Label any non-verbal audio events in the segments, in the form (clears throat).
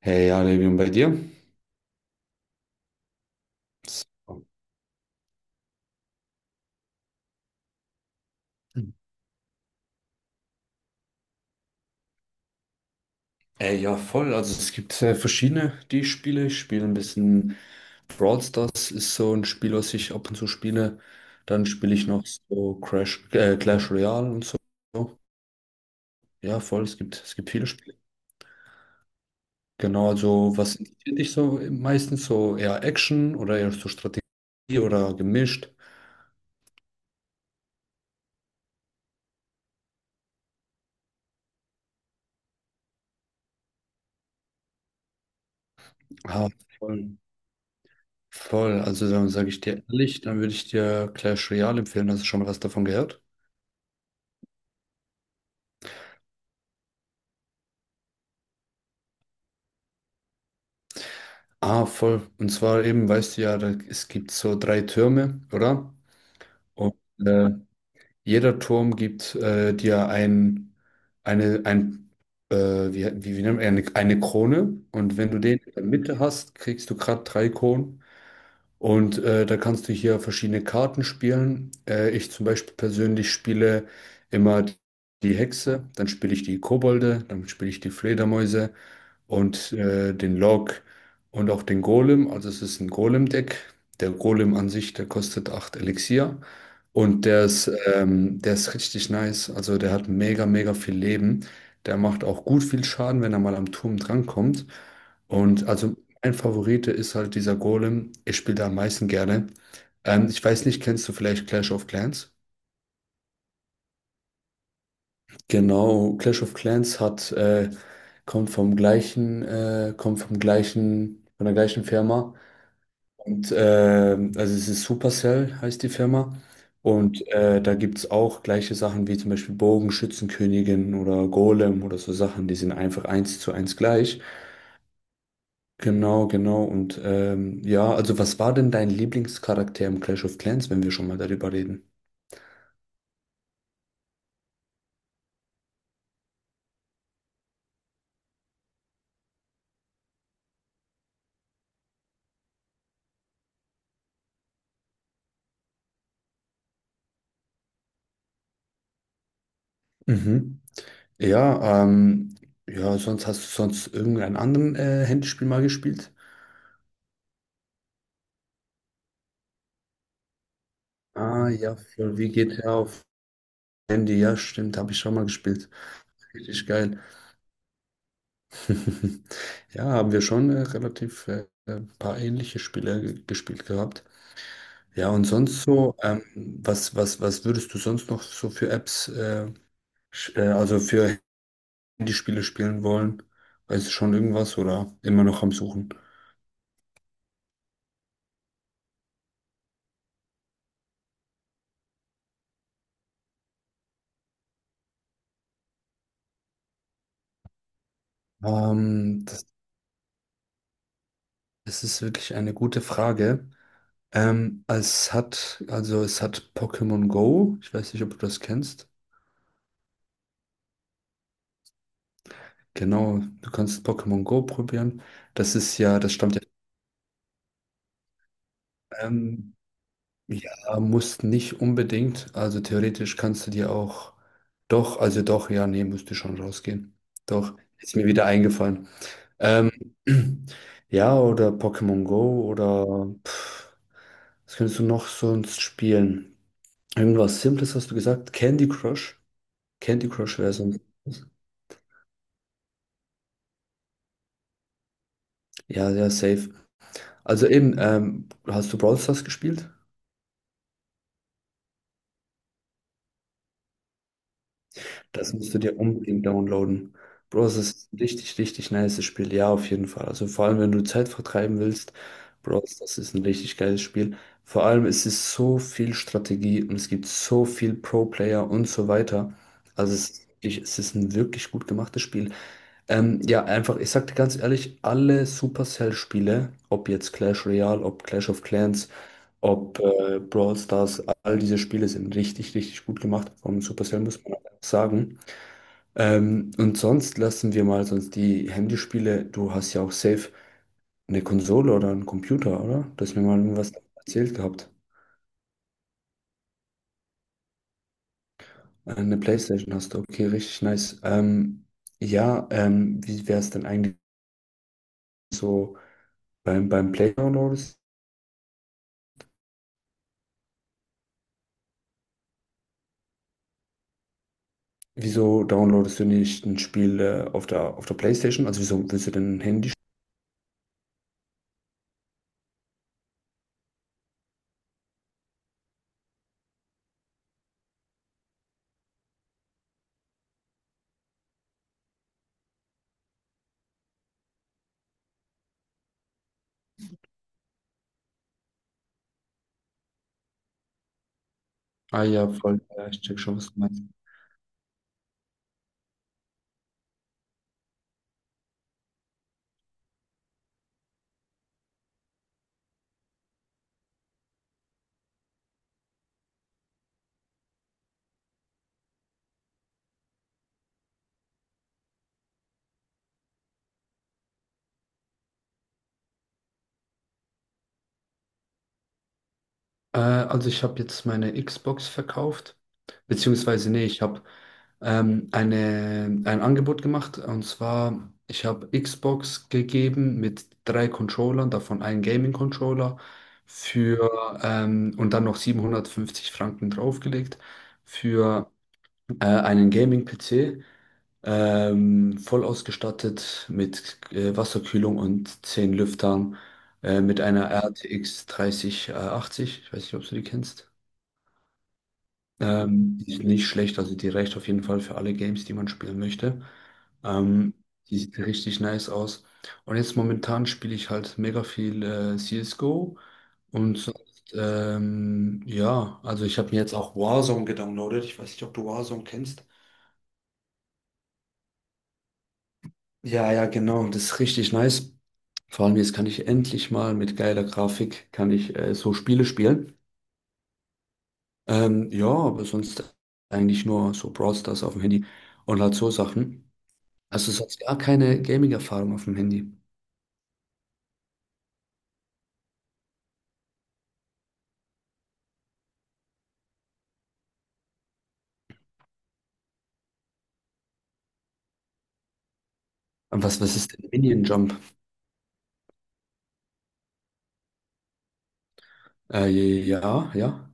Hey, ja, Levi, und bei dir? So. Hm. Ja, voll. Also es gibt verschiedene, die ich spiele. Ich spiele ein bisschen Brawl Stars, ist so ein Spiel, was ich ab und zu spiele. Dann spiele ich noch so Clash Royale und so. Ja, voll. Es gibt viele Spiele. Genau, also was interessiert dich so meistens? So eher Action oder eher so Strategie oder gemischt? Ah, voll. Voll. Also dann sage ich dir ehrlich, dann würde ich dir Clash Royale empfehlen. Hast du schon mal was davon gehört? Ah, voll. Und zwar eben, weißt du ja, da, es gibt so drei Türme, oder? Und äh, jeder Turm gibt dir eine, ein, wie nennt man, eine Krone. Und wenn du den in der Mitte hast, kriegst du gerade drei Kronen. Und da kannst du hier verschiedene Karten spielen. Ich zum Beispiel persönlich spiele immer die Hexe, dann spiele ich die Kobolde, dann spiele ich die Fledermäuse und den Log und auch den Golem. Also es ist ein Golem-Deck. Der Golem an sich, der kostet 8 Elixier. Und der ist richtig nice. Also der hat mega, mega viel Leben. Der macht auch gut viel Schaden, wenn er mal am Turm drankommt. Und also mein Favorite ist halt dieser Golem. Ich spiele da am meisten gerne. Ich weiß nicht, kennst du vielleicht Clash of Clans? Genau, Clash of Clans hat, kommt vom gleichen, von der gleichen Firma. Und also es ist Supercell, heißt die Firma. Und da gibt es auch gleiche Sachen wie zum Beispiel Bogen, Schützenkönigin oder Golem oder so Sachen, die sind einfach eins zu eins gleich. Genau, genau. Und ja, also was war denn dein Lieblingscharakter im Clash of Clans, wenn wir schon mal darüber reden? Mhm. Ja, ja, sonst hast du sonst irgendeinen anderen Handyspiel mal gespielt? Ah, ja, für wie GTA auf Handy, ja, stimmt, habe ich schon mal gespielt. Richtig geil. (laughs) Ja, haben wir schon relativ ein paar ähnliche Spiele gespielt gehabt. Ja, und sonst so, was würdest du sonst noch so also für Handyspiele spielen wollen? Weißt du schon irgendwas oder immer noch am Suchen? Ähm, das, das ist wirklich eine gute Frage. Also es hat Pokémon Go. Ich weiß nicht, ob du das kennst. Genau, du kannst Pokémon Go probieren. Das ist ja, das stammt ja. Ähm, ja, musst nicht unbedingt. Also theoretisch kannst du dir auch. Doch, also doch, ja, nee, müsste schon rausgehen. Doch, ist mir wieder eingefallen. Ähm, (clears throat) ja, oder Pokémon Go oder was könntest du noch sonst spielen? Irgendwas Simples hast du gesagt? Candy Crush? Candy Crush wäre so ein. Ja, ja, safe. Also eben, hast du Brawl Stars gespielt? Das musst du dir unbedingt downloaden. Bro, es ist ein richtig, richtig nices Spiel. Ja, auf jeden Fall. Also vor allem, wenn du Zeit vertreiben willst, Bro, das ist ein richtig geiles Spiel. Vor allem, es ist so viel Strategie und es gibt so viel Pro-Player und so weiter. Also es ist ein wirklich gut gemachtes Spiel. Ja, einfach, ich sag dir ganz ehrlich, alle Supercell-Spiele, ob jetzt Clash Royale, ob Clash of Clans, ob Brawl Stars, all diese Spiele sind richtig, richtig gut gemacht von Supercell, muss man einfach sagen. Und sonst lassen wir mal sonst die Handyspiele, du hast ja auch safe eine Konsole oder einen Computer, oder? Du hast mir mal irgendwas erzählt gehabt. Eine PlayStation hast du, okay, richtig nice. Ja, wie wäre es denn eigentlich so beim Playground-Modus? Wieso downloadest du nicht ein Spiel auf der PlayStation? Also wieso willst du denn ein Handy? Ah ja, voll. Ja, ich check schon, was du meinst. Also ich habe jetzt meine Xbox verkauft. Beziehungsweise, nee, ich habe ein Angebot gemacht. Und zwar, ich habe Xbox gegeben mit drei Controllern, davon einen Gaming-Controller für und dann noch 750 Franken draufgelegt für einen Gaming-PC. Voll ausgestattet mit Wasserkühlung und 10 Lüftern, mit einer RTX 3080. Ich weiß nicht, ob du die kennst. Die ist nicht schlecht, also die reicht auf jeden Fall für alle Games, die man spielen möchte. Ähm, die sieht richtig nice aus. Und jetzt momentan spiele ich halt mega viel CSGO und sonst, ja, also ich habe mir jetzt auch Warzone gedownloadet. Ich weiß nicht, ob du Warzone kennst. Ja, ja, genau, das ist richtig nice. Vor allem jetzt kann ich endlich mal mit geiler Grafik, kann ich so Spiele spielen. Ja, aber sonst eigentlich nur so Brawl Stars auf dem Handy und halt so Sachen. Also sonst gar keine Gaming-Erfahrung auf dem Handy. Und was ist denn Minion Jump? Äh, ja, ja.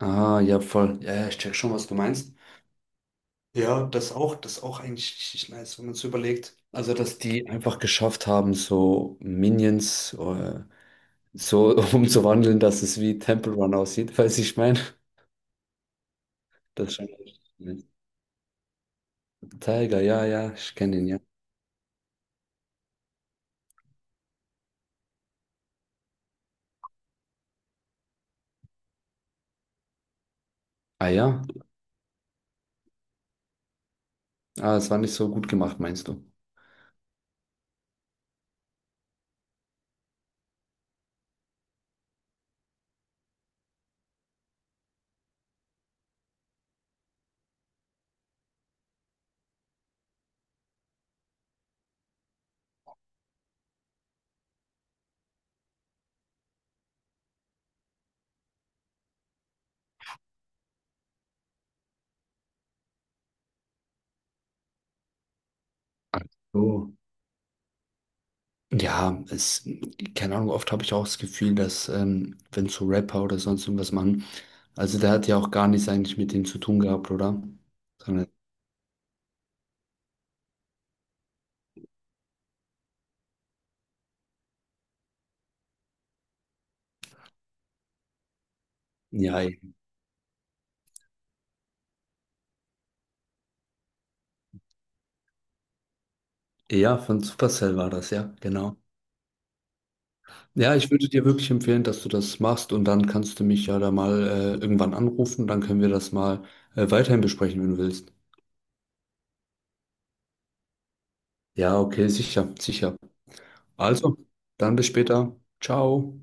Ah, ja, voll. Ja, ja, ich check schon, was du meinst. Ja, das auch eigentlich richtig nice, wenn man es überlegt. Also, dass die einfach geschafft haben, so Minions, so (laughs) umzuwandeln, dass es wie Temple Run aussieht, falls ich meine. Das ist schon Tiger, ja, ja, ich kenne ihn, ja. Ah ja, es war nicht so gut gemacht, meinst du? Ach so. Ja, keine Ahnung, oft habe ich auch das Gefühl, dass, wenn so Rapper oder sonst irgendwas machen, also der hat ja auch gar nichts eigentlich mit dem zu tun gehabt, oder? Sondern, ja, eben. Ja, von Supercell war das, ja, genau. Ja, ich würde dir wirklich empfehlen, dass du das machst und dann kannst du mich ja da mal irgendwann anrufen, dann können wir das mal weiterhin besprechen, wenn du willst. Ja, okay, sicher, sicher. Also, dann bis später. Ciao.